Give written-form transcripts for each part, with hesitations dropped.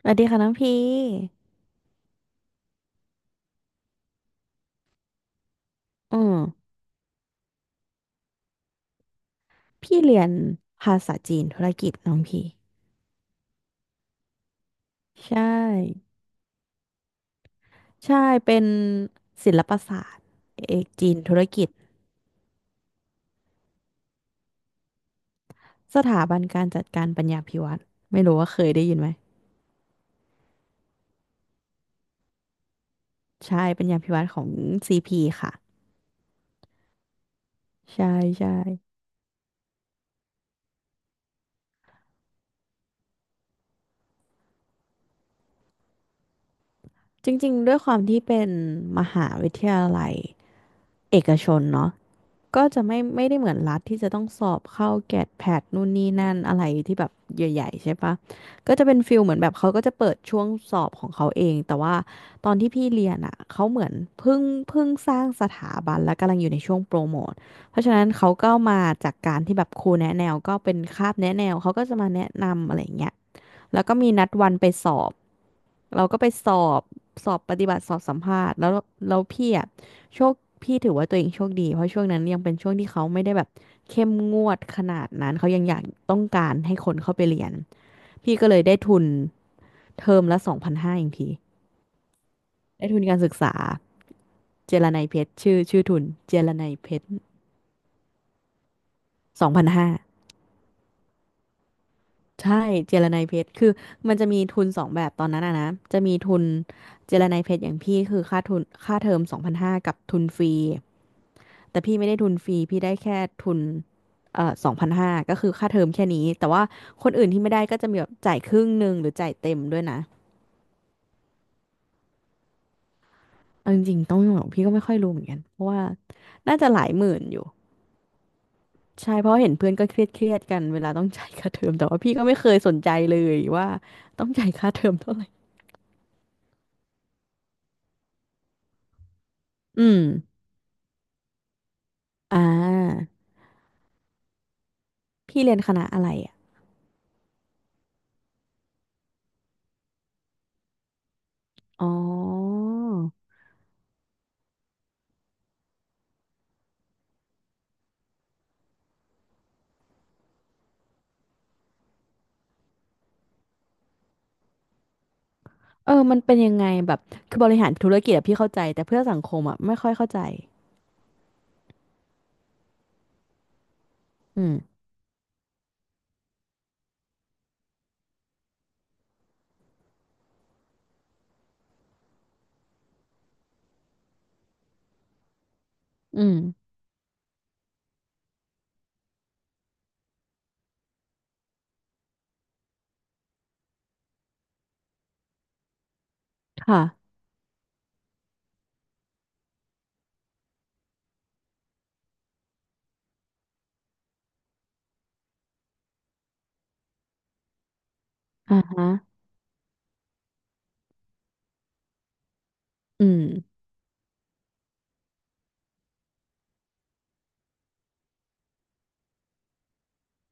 สวัสดีค่ะน้องพี่อืมพี่เรียนภาษาจีนธุรกิจน้องพี่ใช่ ใช่ เป็นศิลปศาสตร์เอกจีนธุรกิจสถาบันการจัดการปัญญาภิวัฒน์ไม่รู้ว่าเคยได้ยินไหม ใช่ปัญญาภิวัฒน์ของ CP ค่ะ ใช่ใช่จริงๆด้วยความที่เป็นมหาวิทยาลัยเอกชนเนาะ ก็จะไม่ได้เหมือนรัฐที่จะต้องสอบเข้าแกดแพดนู่นนี่นั่นอะไรที่แบบใหญ่ๆใช่ปะก็จะเป็นฟิลเหมือนแบบเขาก็จะเปิดช่วงสอบของเขาเองแต่ว่าตอนที่พี่เรียนอ่ะเขาเหมือนเพิ่งเพิ่งสร้างสถาบันและกำลังอยู่ในช่วงโปรโมทเพราะฉะนั้นเขาก็มาจากการที่แบบครูแนะแนวก็เป็นคาบแนะแนวเขาก็จะมาแนะนำอะไรอย่างเงี้ย แล้วก็มีนัดวันไปสอบ เราก็ไปสอบสอบปฏิบัติสอบสัมภาษณ์แล้วแล้วพี่อะโชคพี่ถือว่าตัวเองโชคดีเพราะช่วงนั้นยังเป็นช่วงที่เขาไม่ได้แบบเข้มงวดขนาดนั้นเขายังอยากต้องการให้คนเข้าไปเรียนพี่ก็เลยได้ทุนเทอมละสองพันห้าเองพี่ได้ทุนการศึกษาเจรนัยเพชรชื่อทุนเจรนัยเพชรสองพันห้า ใช่เจรไนยเพชรคือมันจะมีทุนสองแบบตอนนั้นอะนะจะมีทุนเจรไนยเพชรอย่างพี่คือค่าทุนค่าเทอมสองพันห้ากับทุนฟรีแต่พี่ไม่ได้ทุนฟรีพี่ได้แค่ทุนสองพันห้าก็คือค่าเทอมแค่นี้แต่ว่าคนอื่นที่ไม่ได้ก็จะมีแบบจ่ายครึ่งหนึ่งหรือจ่ายเต็มด้วยนะเอาจริงๆต้องบอกพี่ก็ไม่ค่อยรู้เหมือนกันเพราะว่าน่าจะหลายหมื่นอยู่ใช่เพราะเห็นเพื่อนก็เครียดกันเวลาต้องจ่ายค่าเทอมแต่ว่าพี่ก็ไม่เคยสนใจเลยว่าต้องจ่ายค่าเทอมเท่าไหร่อืมอ่า พี่เรียนคณะอะไรอ่ะ อ๋อเออมันเป็นยังไงแบบคือบริหารธุรกิจอะพี่เข้าใจแต่เพื่อสังคมอ่ะไม่ค่อยเข้าใจ อืมอืม ค่ะอ่าฮะอืม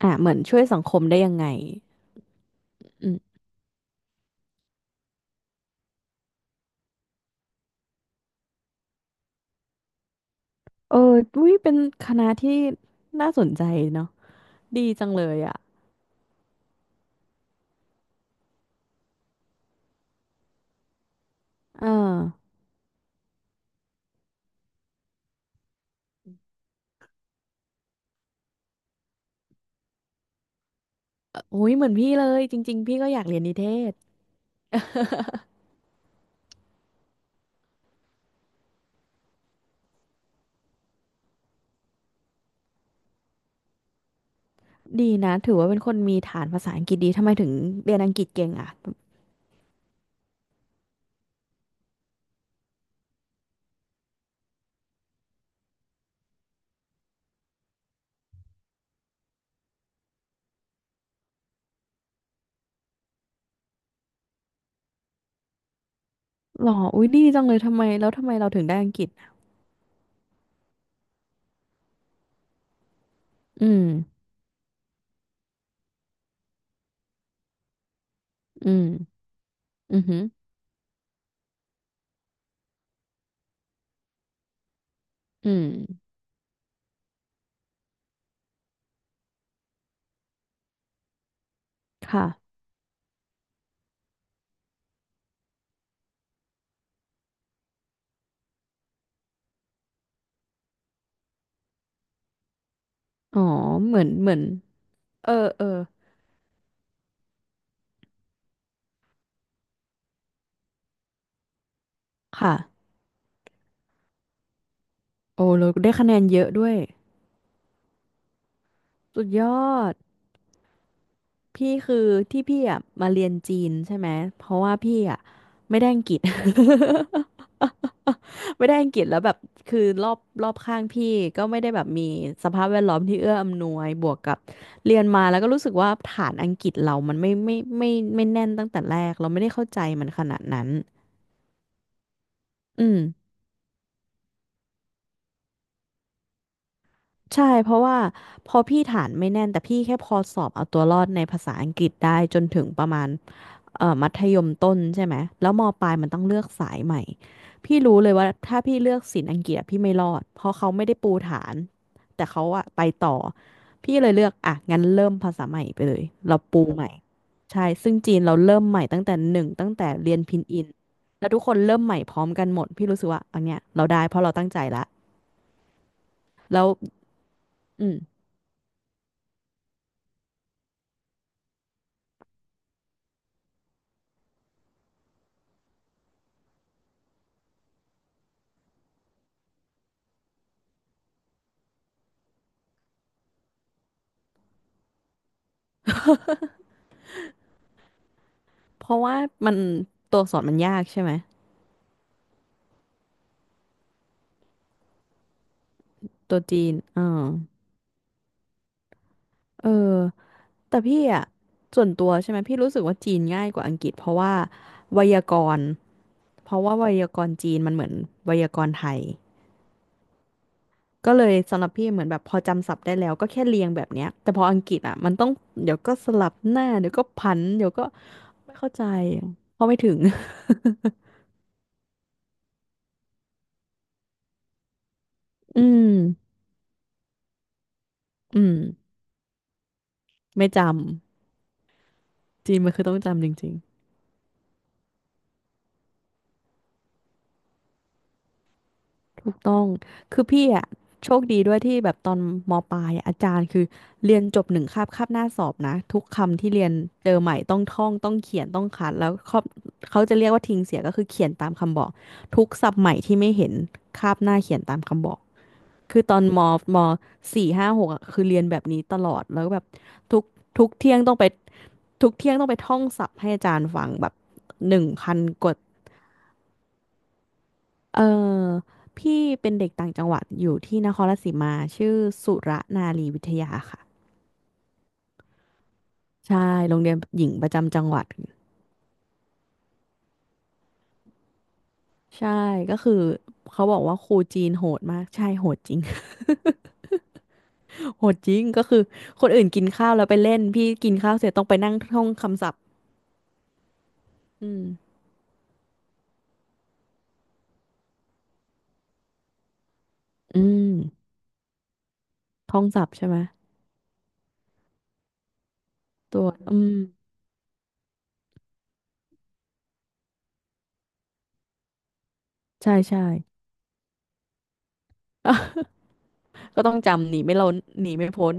อ่ะเหมือนช่วยสังคมได้ยังไงอืมเอออุ้ยเป็นคณะที่น่าสนใจเนาะดีจังเลยอ่ะเอออุ้ยเหมือนพี่เลยจริงๆพี่ก็อยากเรียนนิเทศดีนะถือว่าเป็นคนมีฐานภาษาอังกฤษดีทำไมถึงเรียนอังกฤษเก่งอ่ะหรออุ้ยดีจังเลยทำไมแล้วทำไมเราถึงได้อังกฤษอะอืม อืมอือหืออืม ค่ะอ๋อเหมือนเหมือน เออเออค่ะโอ้เราได้คะแนนเยอะด้วย สุดยอด พี่คือที่พี่อ่ะมาเรียนจีนใช่ไหม เพราะว่าพี่อ่ะไม่ได้อังกฤษ ไม่ได้อังกฤษแล้วแบบ คือรอบข้างพี่ก็ไม่ได้แบบมีสภาพแวดล้อมที่เอื้ออำนวยบวกกับเรียนมาแล้วก็รู้สึกว่าฐานอังกฤษเรามันไม่แน่นตั้งแต่แรกเราไม่ได้เข้าใจมันขนาดนั้นอืม ใช่เพราะว่าพอพี่ฐานไม่แน่นแต่พี่แค่พอสอบเอาตัวรอดในภาษาอังกฤษได้จนถึงประมาณมัธยมต้นใช่ไหมแล้วมปลายมันต้องเลือกสายใหม่พี่รู้เลยว่าถ้าพี่เลือกศิลป์อังกฤษอะพี่ไม่รอดเพราะเขาไม่ได้ปูฐานแต่เขาอะไปต่อพี่เลยเลือกอ่ะงั้นเริ่มภาษาใหม่ไปเลยเราปูใหม่ใช่ซึ่งจีนเราเริ่มใหม่ตั้งแต่หนึ่งตั้งแต่เรียนพินอินแล้วทุกคนเริ่มใหม่พร้อมกันหมดพี่รู้สึกว่าอันเนี้ยเราได้เพราะเราตั้งใจละแล้วอืม เพราะว่ามันตัวอักษรมันยากใช่ไหมตัวจีนอ่าเออแต่พี่อ่ะส่วนตัวใช่ไหมพี่รู้สึกว่าจีนง่ายกว่าอังกฤษเพราะว่าไวยากรณ์เพราะว่าไวยากรณ์จีนมันเหมือนไวยากรณ์ไทยก็เลยสำหรับพี่เหมือนแบบพอจำศัพท์ได้แล้วก็แค่เรียงแบบเนี้ยแต่พออังกฤษอ่ะมันต้องเดี๋ยวก็สลับหน้าเดี๋ยวก็พันเดี๋ยวก็ไม่เข้าใจเพราะไม่ถึง อืมอืมไม่จำจีนมันคือต้องจำจริง ถูกต้องคือพี่อ่ะโชคดีด้วยที่แบบตอนมปลายอะอาจารย์คือเรียนจบหนึ่งคาบคาบหน้าสอบนะทุกคำที่เรียนเจอใหม่ต้องท่องต้องเขียนต้องคัดแล้วเขาเขาจะเรียกว่าทิ้งเสียก็คือเขียนตามคำบอกทุกศัพท์ใหม่ที่ไม่เห็นคาบหน้าเขียนตามคำบอกคือตอนมมสี่ห้าหกอ่ะคือเรียนแบบนี้ตลอดแล้วแบบทุกทุกเที่ยงต้องไปทุกเที่ยงต้องไปท่องศัพท์ให้อาจารย์ฟังแบบหนึ่งพันกว่า เออพี่เป็นเด็กต่างจังหวัดอยู่ที่นครราชสีมาชื่อสุรนารีวิทยาค่ะใช่โรงเรียนหญิงประจำจังหวัดใช่ก็คือเขาบอกว่าครูจีนโหดมากใช่โหดจริง โหดจริงก็คือคนอื่นกินข้าวแล้วไปเล่นพี่กินข้าวเสร็จต้องไปนั่งท่องคำศัพท์อืมอืมท่องศัพท์ใช่ไหมตัวอืมใช่ใช่ ก็ต้องจำหนีไม่ล้นหนีไม่พ้น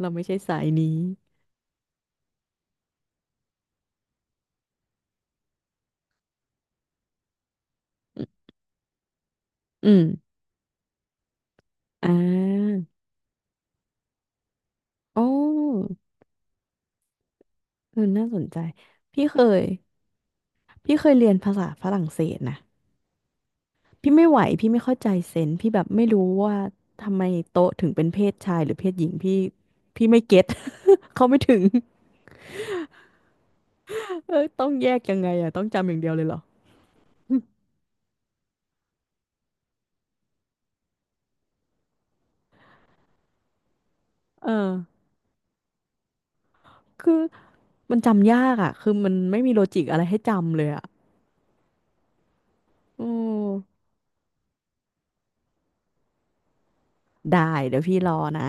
เราไม่ใช่สายนี้อืมอ่าโอ้ เออน่าสนใจ พี่เคยพี่เคยเรียนภาษาฝรั่งเศสนะพี่ไม่ไหวพี่ไม่เข้าใจเซนส์พี่แบบไม่รู้ว่าทำไมโต๊ะถึงเป็นเพศชายหรือเพศหญิงพี่พี่ไม่เก็ต เขาไม่ถึงเออต้องแยกยังไงอ่ะต้องจำอย่างเดียวเลยเหรอ เออคือมันจำยากอ่ะคือมันไม่มีโลจิกอะไรให้จำเลยอ่ะอือได้เดี๋ยวพี่รอนะ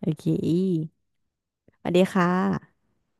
โอเคสวัสดีค่ะ